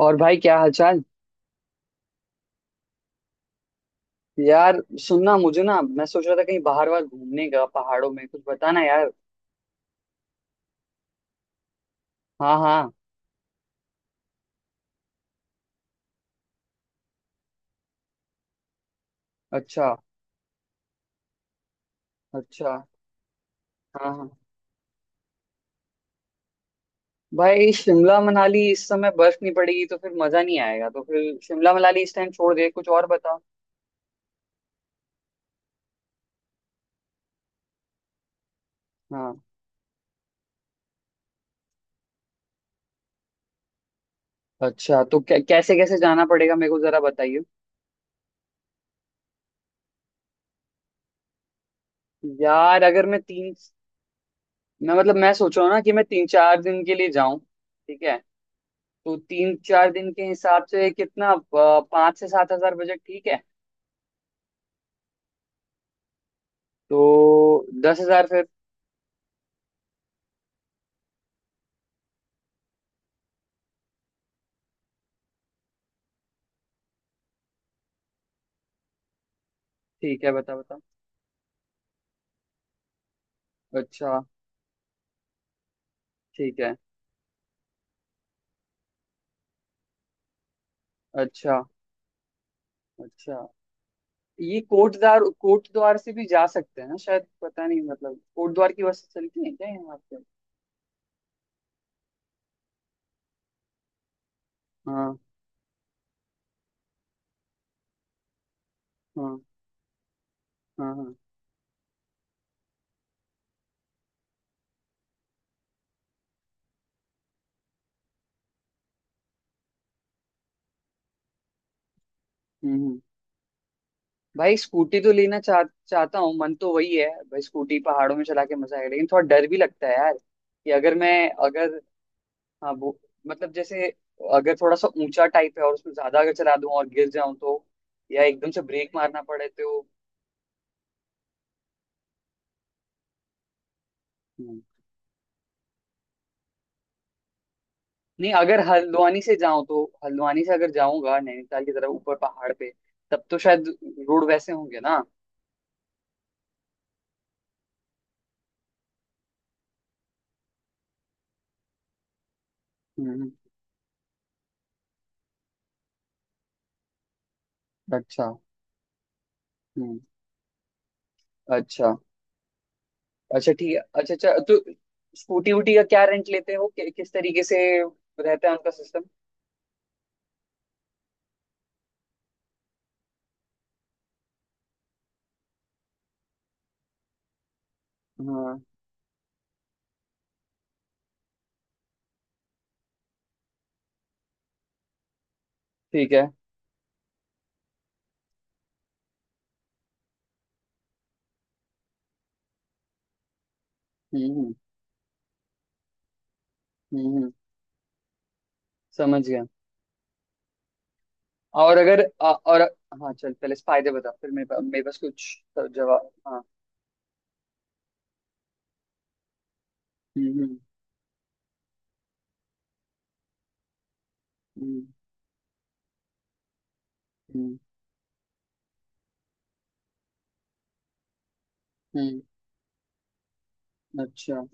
और भाई क्या हालचाल। यार सुनना, मुझे ना मैं सोच रहा था कहीं बाहर वाहर घूमने का, पहाड़ों में कुछ बताना यार। हाँ हाँ। अच्छा। अच्छा। हाँ हाँ। भाई शिमला मनाली इस समय बर्फ नहीं पड़ेगी तो फिर मजा नहीं आएगा, तो फिर शिमला मनाली इस टाइम छोड़ दे, कुछ और बता। हाँ। अच्छा तो कैसे कैसे जाना पड़ेगा मेरे को, जरा बताइए। यार अगर मैं तीन मैं सोच रहा हूँ ना कि मैं 3-4 दिन के लिए जाऊं, ठीक है? तो तीन चार दिन के हिसाब से कितना 5 से 7 हज़ार बजट ठीक है? तो 10 हज़ार फिर। ठीक है, बता बता। अच्छा ठीक है, अच्छा अच्छा। ये कोटद्वार, कोटद्वार से भी जा सकते हैं ना शायद, पता नहीं, मतलब कोटद्वार की बस चलती है क्या यहाँ पे? हाँ हाँ हाँ हाँ। हम्म हम्म। भाई स्कूटी तो लेना चाह चाहता हूँ, मन तो वही है भाई, स्कूटी पहाड़ों में चला के मजा आएगा, लेकिन थोड़ा डर भी लगता है यार। कि अगर मैं अगर हाँ वो, मतलब जैसे अगर थोड़ा सा ऊंचा टाइप है और उसमें ज्यादा अगर चला दूं और गिर जाऊं तो, या एकदम से ब्रेक मारना पड़े तो। हम्म। नहीं अगर हल्द्वानी से जाऊं, तो हल्द्वानी से अगर जाऊंगा नैनीताल की तरफ ऊपर पहाड़ पे, तब तो शायद रोड वैसे होंगे ना? हम्म। अच्छा। हम्म। अच्छा। अच्छा ठीक है, अच्छा अच्छा तो स्कूटी वूटी का क्या रेंट लेते हो, किस तरीके से रहता है उनका सिस्टम? हाँ। ठीक है। हम्म हम्म हम्म, समझ गया। और अगर और हाँ, चल पहले फायदे बता, फिर मेरे पास कुछ जवाब। हाँ। हम्म। हम्म हम्म हम्म, अच्छा।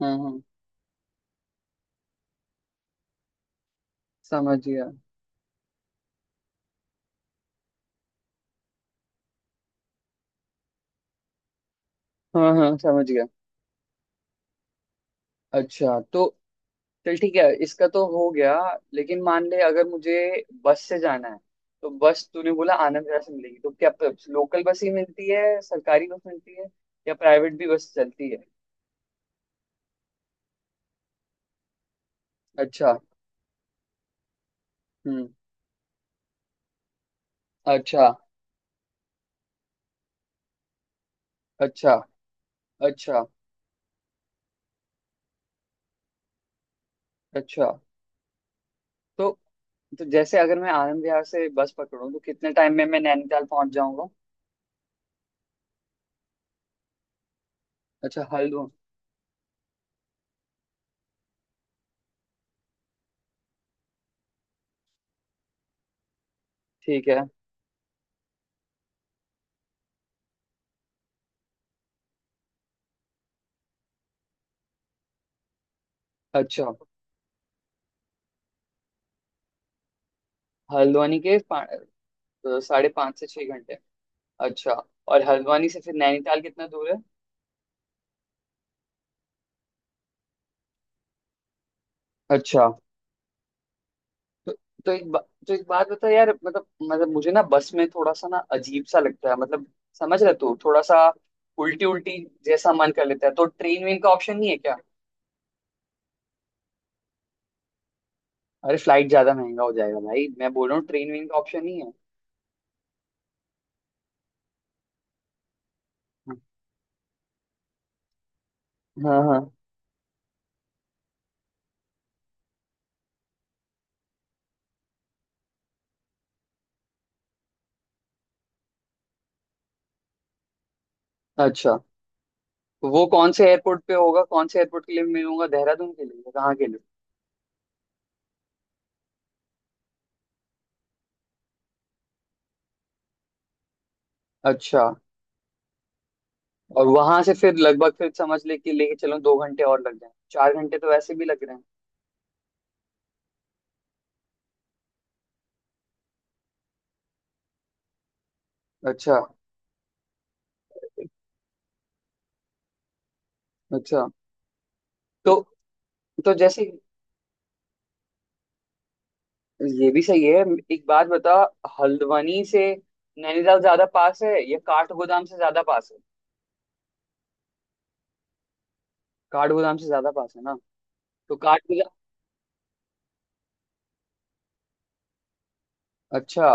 हाँ हाँ समझ गया। हाँ हाँ समझ गया। अच्छा तो चल ठीक है, इसका तो हो गया। लेकिन मान ले अगर मुझे बस से जाना है, तो बस तूने बोला आनंद विहार से मिलेगी, तो क्या लोकल बस ही मिलती है, सरकारी बस मिलती है, या प्राइवेट भी बस चलती है? अच्छा। हम्म। अच्छा। अच्छा। अच्छा। अच्छा तो तो जैसे अगर मैं आनंद विहार से बस पकड़ूं, तो कितने टाइम में मैं नैनीताल पहुंच जाऊंगा? अच्छा हल्द्वानी। ठीक है। अच्छा। हल्द्वानी के पा- अ, 5:30 से 6 घंटे। अच्छा। और हल्द्वानी से फिर नैनीताल कितना दूर है? अच्छा। तो तो एक बा, तो एक बात बता यार, मतलब मुझे ना बस में थोड़ा सा ना अजीब सा लगता है, मतलब समझ रहे तू, थोड़ा सा उल्टी उल्टी जैसा मन कर लेता है। तो ट्रेन वेन का ऑप्शन नहीं है क्या? अरे फ्लाइट ज्यादा महंगा हो जाएगा भाई, मैं बोल रहा हूँ ट्रेन वेन का ऑप्शन नहीं है। हाँ हाँ। अच्छा वो कौन से एयरपोर्ट पे होगा, कौन से एयरपोर्ट के लिए मिलूंगा, देहरादून के लिए या कहाँ के लिए? अच्छा। और वहां से फिर लगभग फिर समझ ले कि लेके चलो 2 घंटे, और लग जाए 4 घंटे तो वैसे भी लग रहे हैं। अच्छा। अच्छा तो तो जैसे ये भी सही है। एक बात बता, हल्द्वानी से नैनीताल ज्यादा पास है, या काठगोदाम से ज्यादा पास है? काठगोदाम से ज्यादा पास है ना? तो काठगोदाम। अच्छा।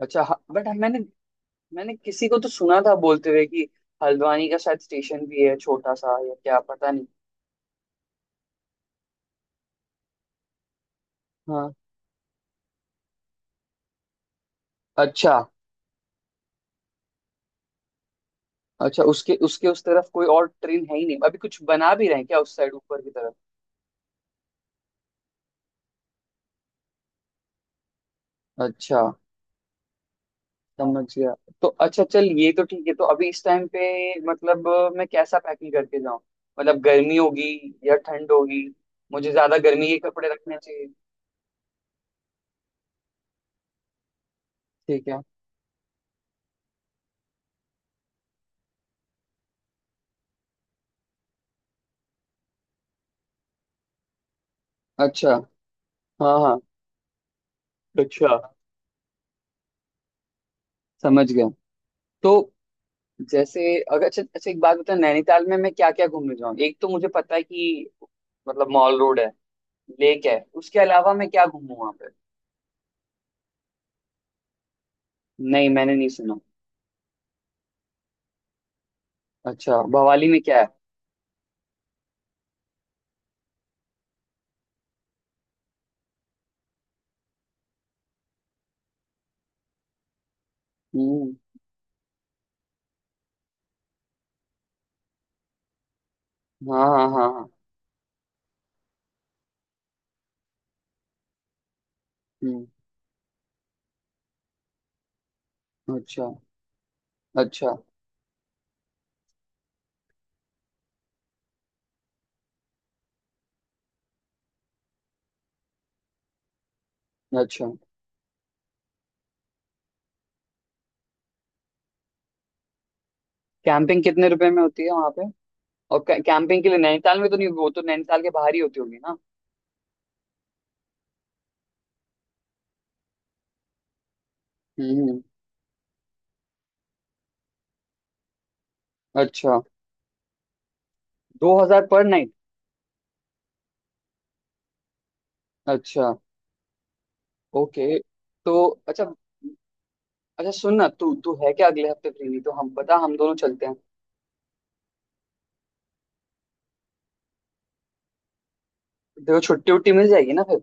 अच्छा बट मैंने मैंने किसी को तो सुना था बोलते हुए कि हल्द्वानी का शायद स्टेशन भी है छोटा सा, या क्या पता नहीं। हाँ। अच्छा। अच्छा उसके उसके उस तरफ कोई और ट्रेन है ही नहीं, अभी कुछ बना भी रहे हैं क्या उस साइड ऊपर की तरफ? अच्छा। समझ गया। तो अच्छा चल ये तो ठीक है। तो अभी इस टाइम पे मतलब मैं कैसा पैकिंग करके जाऊं, मतलब गर्मी होगी या ठंड होगी, मुझे ज्यादा गर्मी के कपड़े रखने चाहिए? ठीक है। अच्छा। हाँ हाँ। अच्छा, समझ गया। तो जैसे अगर, अच्छा अच्छा, एक बात बता, नैनीताल में मैं क्या क्या घूमने जाऊँ? एक तो मुझे पता है कि मतलब मॉल रोड है, लेक है, उसके अलावा मैं क्या घूमूं वहां पे? नहीं मैंने नहीं सुना। अच्छा भवाली में क्या है? हम्म। हाँ हाँ हाँ हाँ। हम्म। अच्छा। अच्छा। अच्छा कैंपिंग कितने रुपए में होती है वहां पे? और कैंपिंग के लिए नैनीताल में तो नहीं होगी, वो तो नैनीताल के बाहर ही होती होगी ना? हम्म। अच्छा। 2,000 पर नाइट? अच्छा। ओके। तो अच्छा अच्छा, सुन ना तू तू है क्या अगले हफ्ते फ्री? नहीं तो हम पता, हम दोनों चलते हैं। देखो छुट्टी उट्टी मिल जाएगी ना फिर।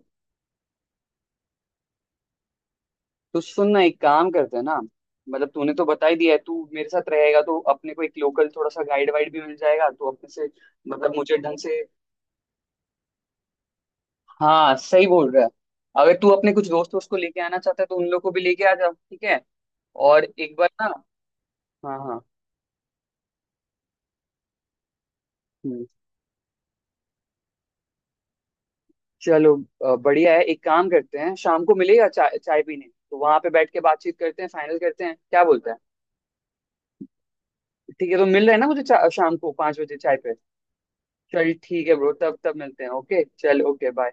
तो सुन ना, एक काम करते हैं ना, मतलब तूने तो बता ही दिया है तू मेरे साथ रहेगा, तो अपने को एक लोकल थोड़ा सा गाइड वाइड भी मिल जाएगा तो अपने से। मतलब मुझे ढंग से। हाँ सही बोल रहा है। अगर तू अपने कुछ दोस्त उसको लेके आना चाहता है तो उन लोग को भी लेके आ जा ठीक है। और एक बार ना, हाँ हाँ। हम्म, चलो बढ़िया है, एक काम करते हैं, शाम को मिलेगा चाय चाय पीने तो वहां पे बैठ के बातचीत करते हैं, फाइनल करते हैं, क्या बोलता है? ठीक है तो मिल रहा है ना मुझे, शाम को 5 बजे चाय पे। चल ठीक है ब्रो, तब तब मिलते हैं, ओके चल, ओके बाय।